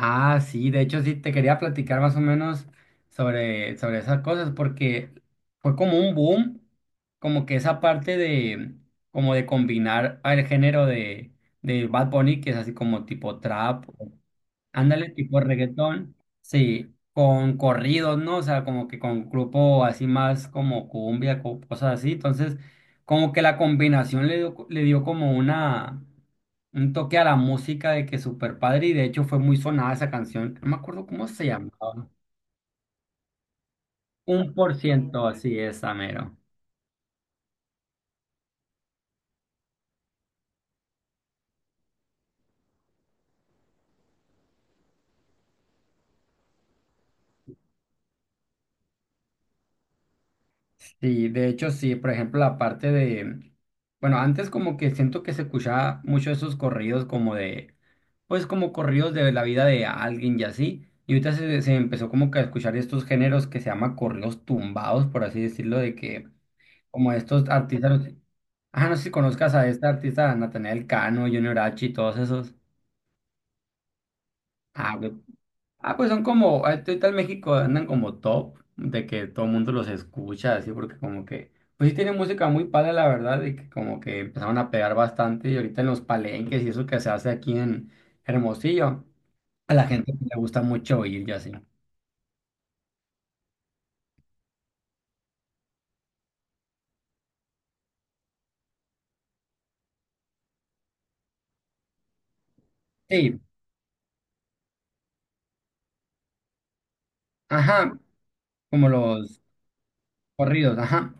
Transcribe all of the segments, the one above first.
Ah, sí, de hecho sí te quería platicar más o menos sobre esas cosas porque fue como un boom, como que esa parte de como de combinar el género de Bad Bunny, que es así como tipo trap. Ándale, tipo reggaetón, sí, con corridos, ¿no? O sea, como que con grupo así más como cumbia, cosas así. Entonces, como que la combinación le dio como una, un toque a la música de que super padre y de hecho fue muy sonada esa canción. No me acuerdo cómo se llamaba. Un por ciento, así es, amero. Sí, de hecho sí, por ejemplo, la parte de, bueno, antes como que siento que se escuchaba mucho esos corridos como de, pues como corridos de la vida de alguien y así, y ahorita se empezó como que a escuchar estos géneros que se llama corridos tumbados, por así decirlo, de que como estos artistas, ah, no sé si conozcas a este artista, Natanael Cano, Junior H y todos esos. Ah, ok. Ah, pues son como, ahorita en México andan como top, de que todo el mundo los escucha, así, porque como que, pues sí tienen música muy padre, la verdad, y que como que empezaron a pegar bastante, y ahorita en los palenques y eso que se hace aquí en Hermosillo, a la gente le gusta mucho oír y así. Sí, ajá, como los corridos, ajá.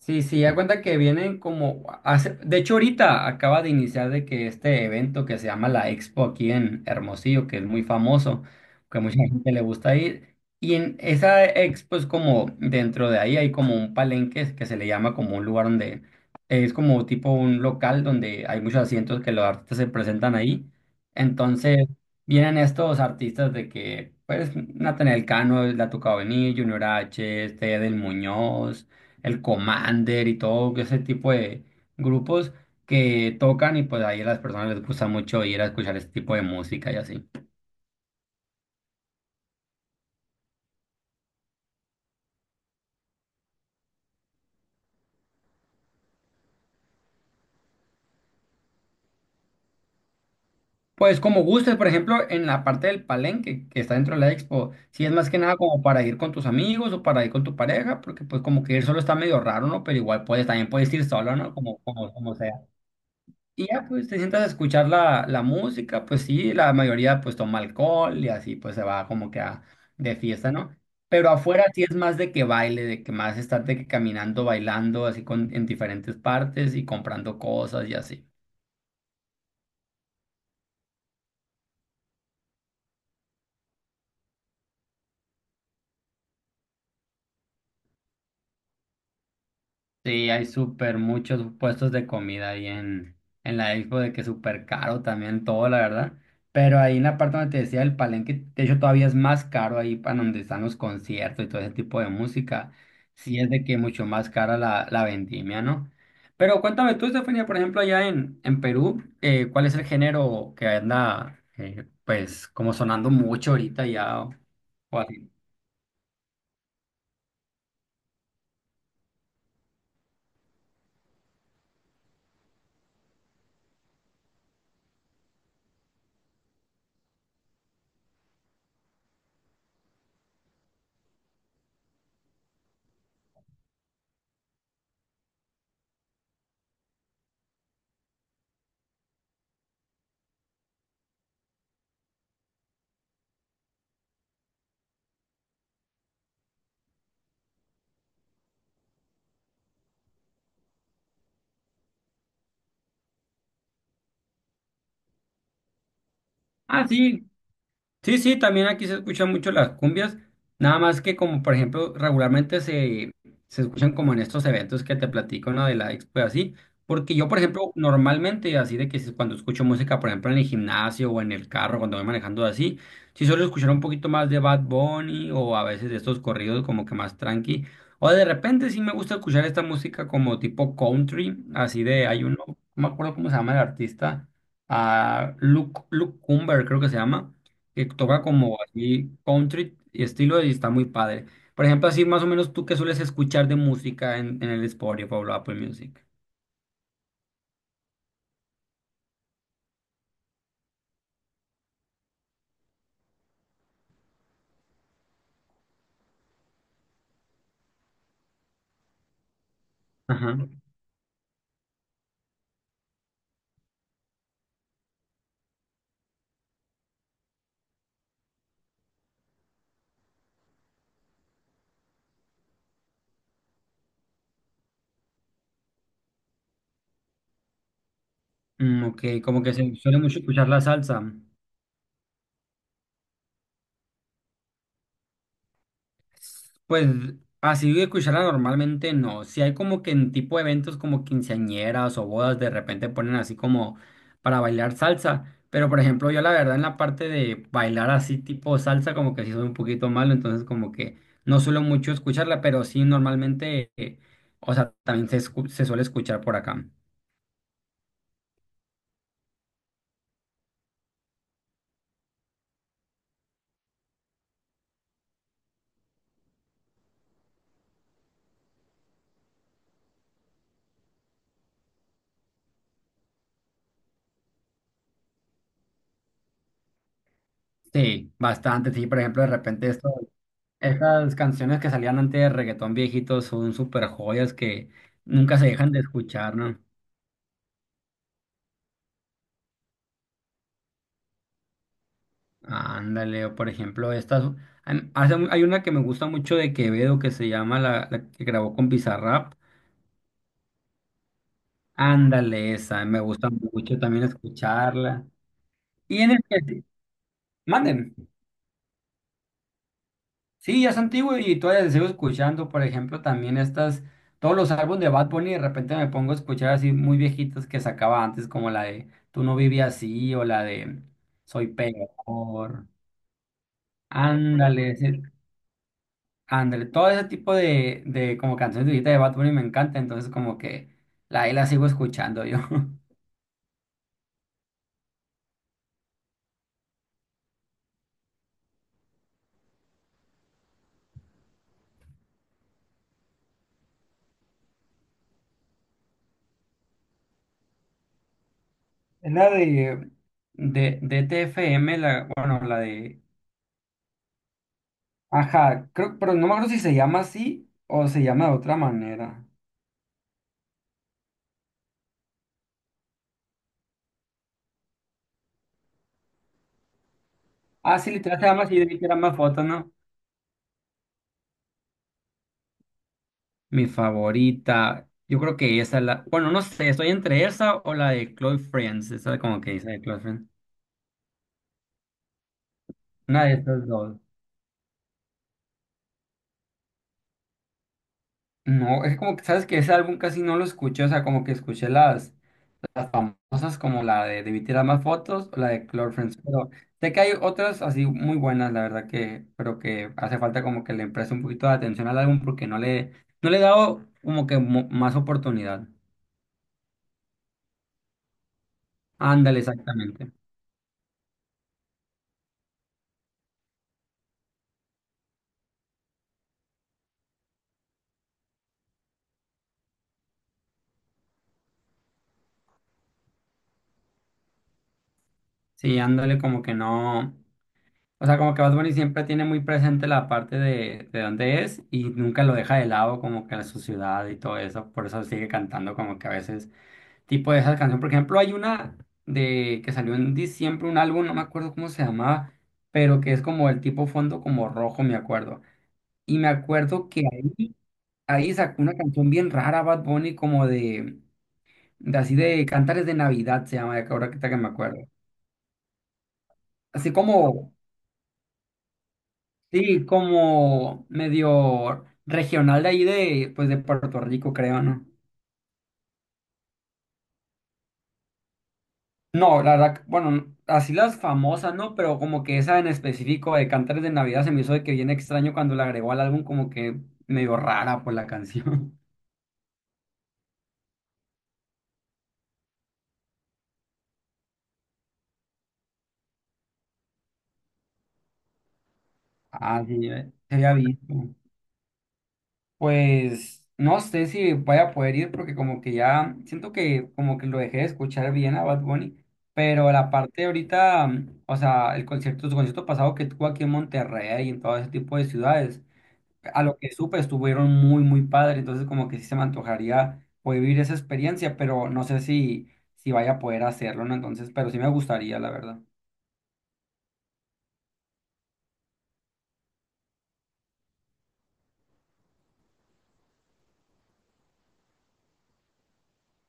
Sí, sí, ya cuenta que vienen de hecho ahorita acaba de iniciar de que este evento que se llama la Expo aquí en Hermosillo, que es muy famoso, que a mucha gente le gusta ir, y en esa Expo es como dentro de ahí hay como un palenque que se le llama como un lugar donde es como tipo un local donde hay muchos asientos que los artistas se presentan ahí. Entonces vienen estos artistas de que pues Natanael Cano le ha tocado venir, Junior H, este Edel Muñoz el Commander y todo ese tipo de grupos que tocan y pues ahí a las personas les gusta mucho ir a escuchar este tipo de música y así. Pues como gustes, por ejemplo, en la parte del palenque que está dentro de la expo, si es más que nada como para ir con tus amigos o para ir con tu pareja, porque pues como que ir solo está medio raro, ¿no? Pero igual puedes, también puedes ir solo, ¿no? Como sea. Y ya pues te sientas a escuchar la música, pues sí, la mayoría pues toma alcohol y así pues se va como que de fiesta, ¿no? Pero afuera sí es más de que baile, de que más estar de que caminando, bailando, así con, en diferentes partes y comprando cosas y así. Sí, hay súper muchos puestos de comida ahí en la expo, de que súper caro también todo, la verdad. Pero ahí en la parte donde te decía el palenque, de hecho todavía es más caro ahí para donde están los conciertos y todo ese tipo de música. Sí es de que mucho más cara la vendimia, ¿no? Pero cuéntame tú, Estefanía, por ejemplo, allá en Perú, ¿cuál es el género que anda, pues, como sonando mucho ahorita ya o así? Ah, sí. Sí, sí, también aquí se escuchan mucho las cumbias, nada más que como por ejemplo regularmente se escuchan como en estos eventos que te platico, ¿no? De la expo y así, porque yo por ejemplo normalmente así de que cuando escucho música por ejemplo en el gimnasio o en el carro cuando voy manejando así, sí suelo escuchar un poquito más de Bad Bunny o a veces de estos corridos como que más tranqui, o de repente sí me gusta escuchar esta música como tipo country, así de hay uno, no me acuerdo cómo se llama el artista, ah, Luke, Luke Cumber creo que se llama, que toca como así country y estilo y está muy padre. Por ejemplo, así más o menos tú qué sueles escuchar de música en el Spotify o Apple Music. Ajá. Mm, ok, como que se suele mucho escuchar la salsa. Pues así de cuchara normalmente no. Si hay como que en tipo de eventos como quinceañeras o bodas, de repente ponen así como para bailar salsa. Pero por ejemplo, yo la verdad en la parte de bailar así tipo salsa, como que sí soy un poquito malo, entonces como que no suelo mucho escucharla, pero sí normalmente, o sea, también se, se suele escuchar por acá. Sí, bastante. Sí, por ejemplo, de repente esto, estas canciones que salían antes de reggaetón viejitos son súper joyas que nunca se dejan de escuchar, ¿no? Ándale, o por ejemplo, estas, hay una que me gusta mucho de Quevedo que se llama la que grabó con Bizarrap. Ándale, esa, me gusta mucho también escucharla. Y en el manden, sí, ya es antiguo y todavía la sigo escuchando, por ejemplo, también estas, todos los álbumes de Bad Bunny, de repente me pongo a escuchar así muy viejitas que sacaba antes, como la de Tú no vivías así o la de Soy peor. Ándale, sí, ándale, todo ese tipo de como canciones de ahorita de Bad Bunny me encanta, entonces como que la, ahí la sigo escuchando yo. Es la de... De TFM, la, bueno, la de... Ajá, creo, pero no me acuerdo si se llama así o se llama de otra manera. Ah, sí, literal se llama así, de que era más fotos, ¿no? Mi favorita, yo creo que esa es la... Bueno, no sé, estoy entre esa o la de Chloe Friends, esa como que dice de Chloe Friends. Una de estas dos. No, es como que sabes que ese álbum casi no lo escuché, o sea, como que escuché las famosas como la de Debí tirar más fotos o la de Close Friends, pero sé que hay otras así muy buenas, la verdad que, pero que hace falta como que le preste un poquito de atención al álbum porque no le, no le he dado como que más oportunidad. Ándale, exactamente. Sí, ándale como que no, o sea, como que Bad Bunny siempre tiene muy presente la parte de dónde es y nunca lo deja de lado como que la su ciudad y todo eso, por eso sigue cantando como que a veces tipo de esa canción. Por ejemplo, hay una de que salió en diciembre, un álbum, no me acuerdo cómo se llamaba, pero que es como el tipo fondo como rojo, me acuerdo. Y me acuerdo que ahí sacó una canción bien rara, Bad Bunny, de así de Cantares de Navidad se llama, que ahora que me acuerdo. Así como, sí, como medio regional de ahí de, pues de Puerto Rico, creo, ¿no? No, la verdad, bueno, así las famosas, ¿no? Pero como que esa en específico de Cantares de Navidad se me hizo de que bien extraño cuando la agregó al álbum, como que medio rara por la canción. Ah, sí, se había visto. Pues no sé si vaya a poder ir porque como que ya siento que como que lo dejé de escuchar bien a Bad Bunny, pero la parte de ahorita, mm, o sea, el concierto, su concierto pasado que tuvo aquí en Monterrey y en todo ese tipo de ciudades. A lo que supe, estuvieron muy, muy padre. Entonces, como que sí se me antojaría poder vivir esa experiencia, pero no sé si, si vaya a poder hacerlo, ¿no? Entonces, pero sí me gustaría, la verdad.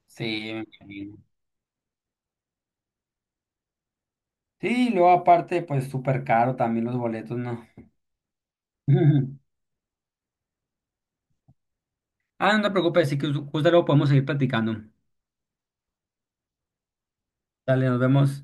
Sí, me imagino. Sí, y luego aparte, pues súper caro también los boletos, ¿no? Ah, no te preocupes, sí que justo luego podemos seguir platicando. Dale, nos vemos.